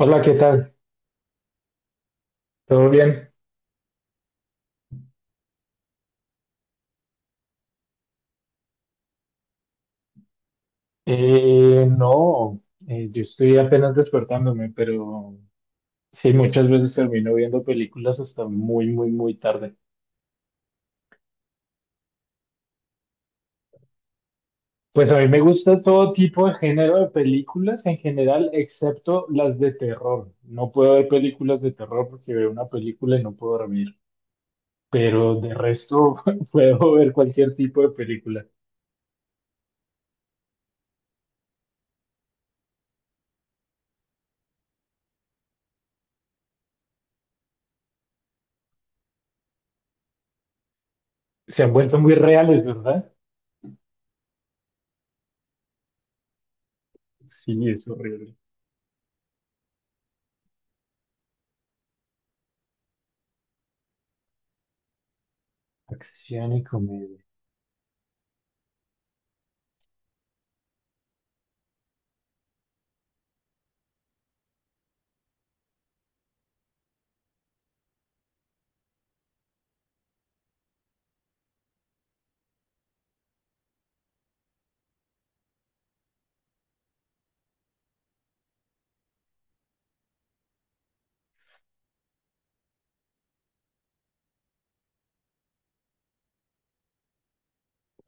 Hola, ¿qué tal? ¿Todo bien? No, yo estoy apenas despertándome, pero sí, muchas veces termino viendo películas hasta muy, muy, muy tarde. Pues a mí me gusta todo tipo de género de películas en general, excepto las de terror. No puedo ver películas de terror porque veo una película y no puedo dormir, pero de resto puedo ver cualquier tipo de película. Se han vuelto muy reales, ¿verdad? Sí, es horrible. Acción y comedia.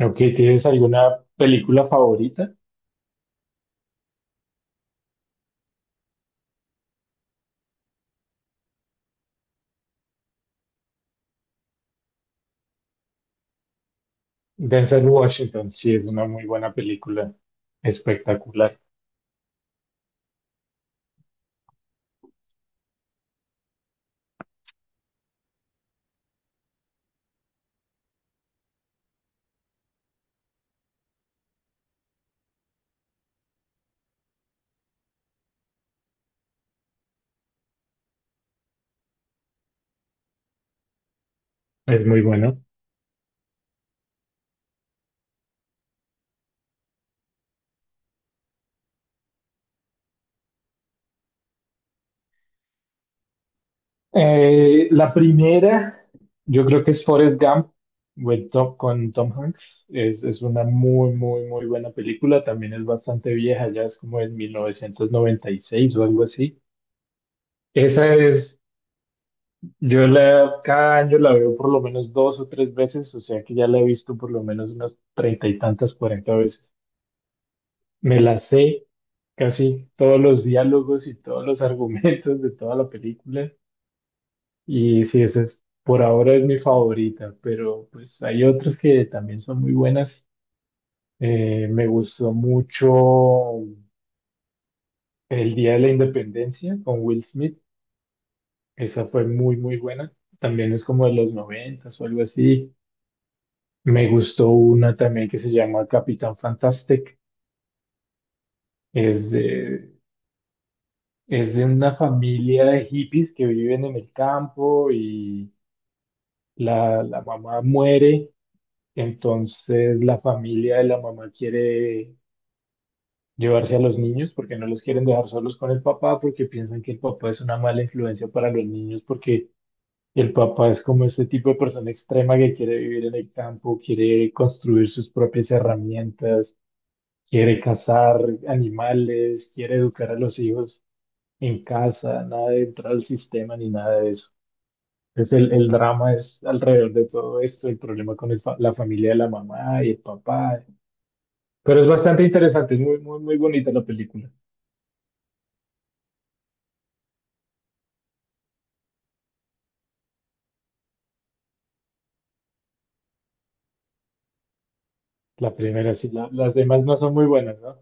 Ok, ¿tienes alguna película favorita? Denzel Washington, sí, es una muy buena película, espectacular, es muy bueno. La primera, yo creo que es Forrest Gump con Tom Hanks, es una muy, muy, muy buena película, también es bastante vieja, ya es como en 1996 o algo así. Esa es, cada año la veo por lo menos dos o tres veces, o sea que ya la he visto por lo menos unas treinta y tantas, 40 veces. Me la sé casi todos los diálogos y todos los argumentos de toda la película. Y sí, esa es, por ahora es mi favorita, pero pues hay otras que también son muy buenas. Me gustó mucho El Día de la Independencia con Will Smith. Esa fue muy, muy buena. También es como de los noventas o algo así. Me gustó una también que se llama Capitán Fantastic. Es de Es de una familia de hippies que viven en el campo y la mamá muere, entonces la familia de la mamá quiere llevarse a los niños porque no los quieren dejar solos con el papá porque piensan que el papá es una mala influencia para los niños porque el papá es como este tipo de persona extrema que quiere vivir en el campo, quiere construir sus propias herramientas, quiere cazar animales, quiere educar a los hijos en casa, nada de entrar al sistema ni nada de eso. Entonces el drama es alrededor de todo esto, el problema con la familia de la mamá y el papá. Pero es bastante interesante, es muy, muy, muy bonita la película. La primera, sí, las demás no son muy buenas, ¿no?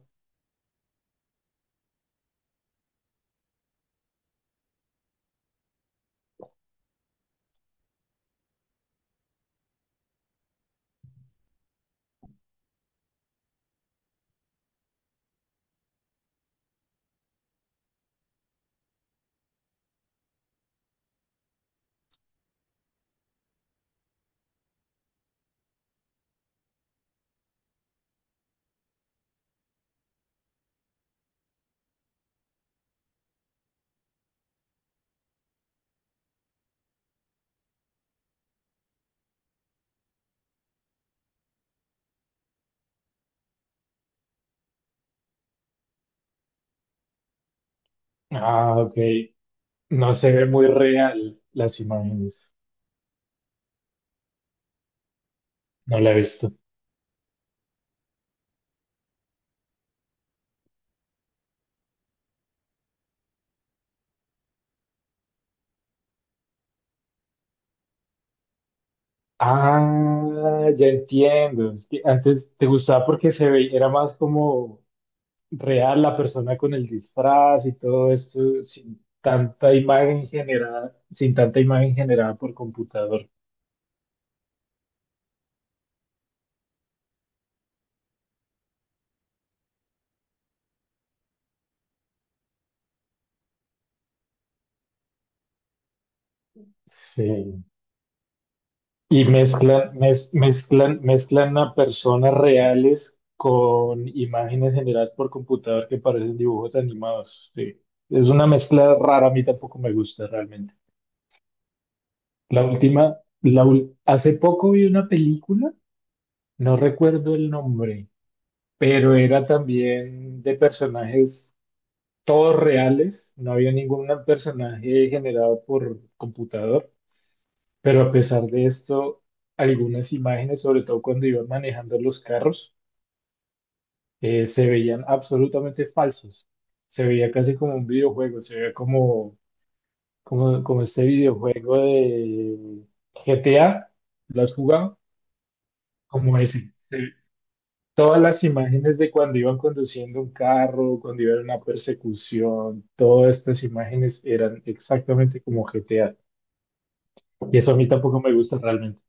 Ah, ok. No se ve muy real las imágenes. No la he visto. Ah, ya entiendo. Es que antes te gustaba porque se veía, era más como real la persona con el disfraz y todo esto, sin tanta imagen generada, sin tanta imagen generada por computador. Sí. Y mezclan a personas reales con imágenes generadas por computador que parecen dibujos animados. Sí. Es una mezcla rara, a mí tampoco me gusta realmente. La última, la, ul- hace poco vi una película, no recuerdo el nombre, pero era también de personajes todos reales, no había ningún personaje generado por computador. Pero a pesar de esto, algunas imágenes, sobre todo cuando iban manejando los carros, se veían absolutamente falsos. Se veía casi como un videojuego, se veía como, como, como este videojuego de GTA. ¿Lo has jugado? Como ese. Todas las imágenes de cuando iban conduciendo un carro, cuando iban en una persecución, todas estas imágenes eran exactamente como GTA. Y eso a mí tampoco me gusta realmente.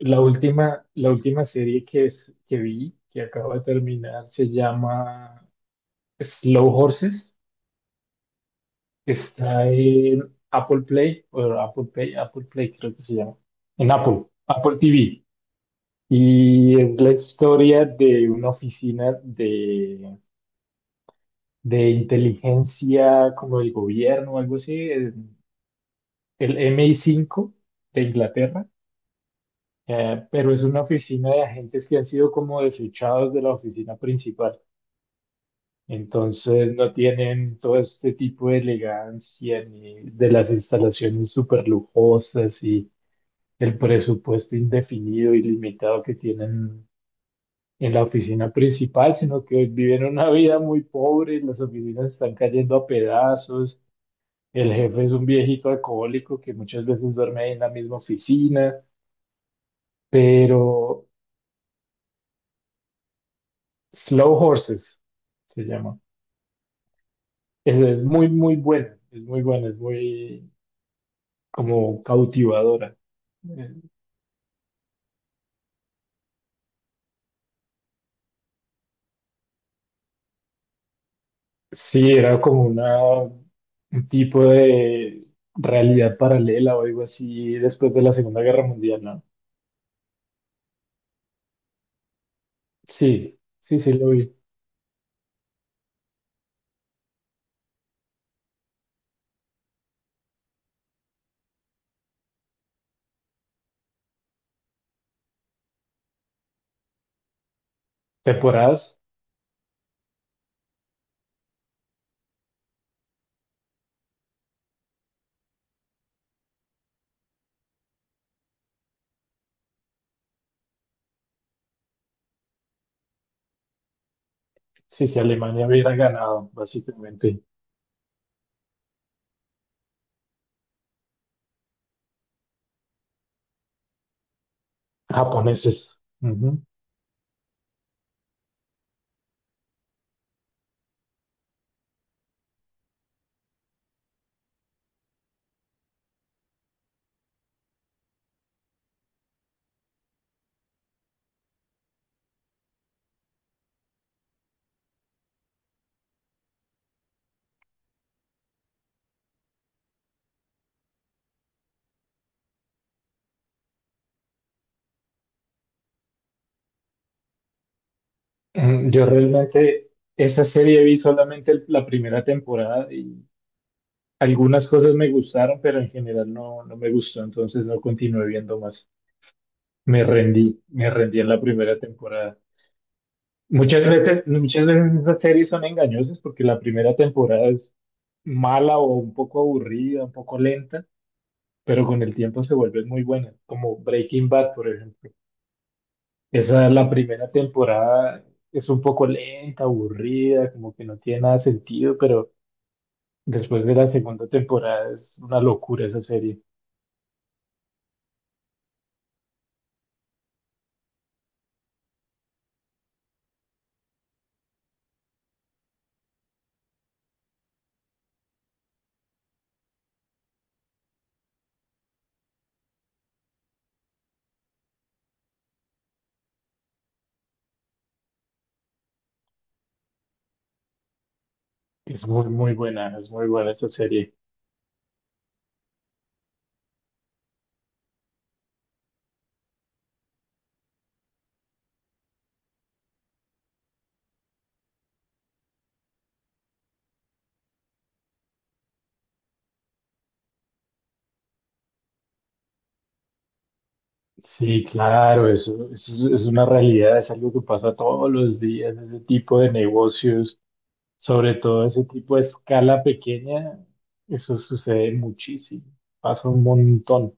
La última serie que vi, que acabo de terminar, se llama Slow Horses. Está en Apple Play, o Apple Play, Apple Play creo que se llama. En Apple TV. Y es la historia de una oficina de inteligencia como del gobierno o algo así, en el MI5 de Inglaterra. Pero es una oficina de agentes que han sido como desechados de la oficina principal. Entonces no tienen todo este tipo de elegancia ni de las instalaciones súper lujosas y el presupuesto indefinido y limitado que tienen en la oficina principal, sino que viven una vida muy pobre, las oficinas están cayendo a pedazos, el jefe es un viejito alcohólico que muchas veces duerme ahí en la misma oficina, pero Slow Horses se llama. Es muy, muy buena, es muy buena, es muy como cautivadora. Eh, Sí, era como una, un tipo de realidad paralela o algo así después de la Segunda Guerra Mundial, ¿no? Sí, sí, sí lo vi. Temporadas, sí, si Alemania hubiera ganado, básicamente, japoneses. Ujú. Mm, yo realmente esa serie vi solamente la primera temporada y algunas cosas me gustaron, pero en general no, no me gustó, entonces no continué viendo más. Me rendí en la primera temporada. Muchas veces esas series son engañosas porque la primera temporada es mala o un poco aburrida, un poco lenta, pero con el tiempo se vuelven muy buenas, como Breaking Bad, por ejemplo. Esa, la primera temporada es un poco lenta, aburrida, como que no tiene nada de sentido, pero después de la segunda temporada es una locura esa serie. Es muy, muy buena, es muy buena esa serie. Sí, claro, eso es una realidad, es algo que pasa todos los días, ese tipo de negocios. Sobre todo ese tipo de escala pequeña, eso sucede muchísimo, pasa un montón.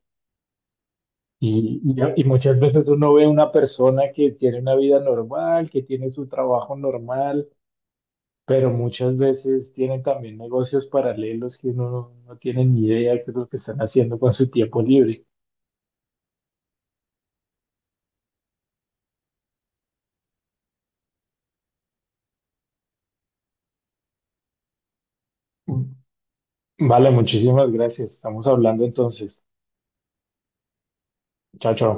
Y, y muchas veces uno ve una persona que tiene una vida normal, que tiene su trabajo normal, pero muchas veces tienen también negocios paralelos que uno no tiene ni idea qué es lo que están haciendo con su tiempo libre. Vale, muchísimas gracias. Estamos hablando entonces. Chao, chao.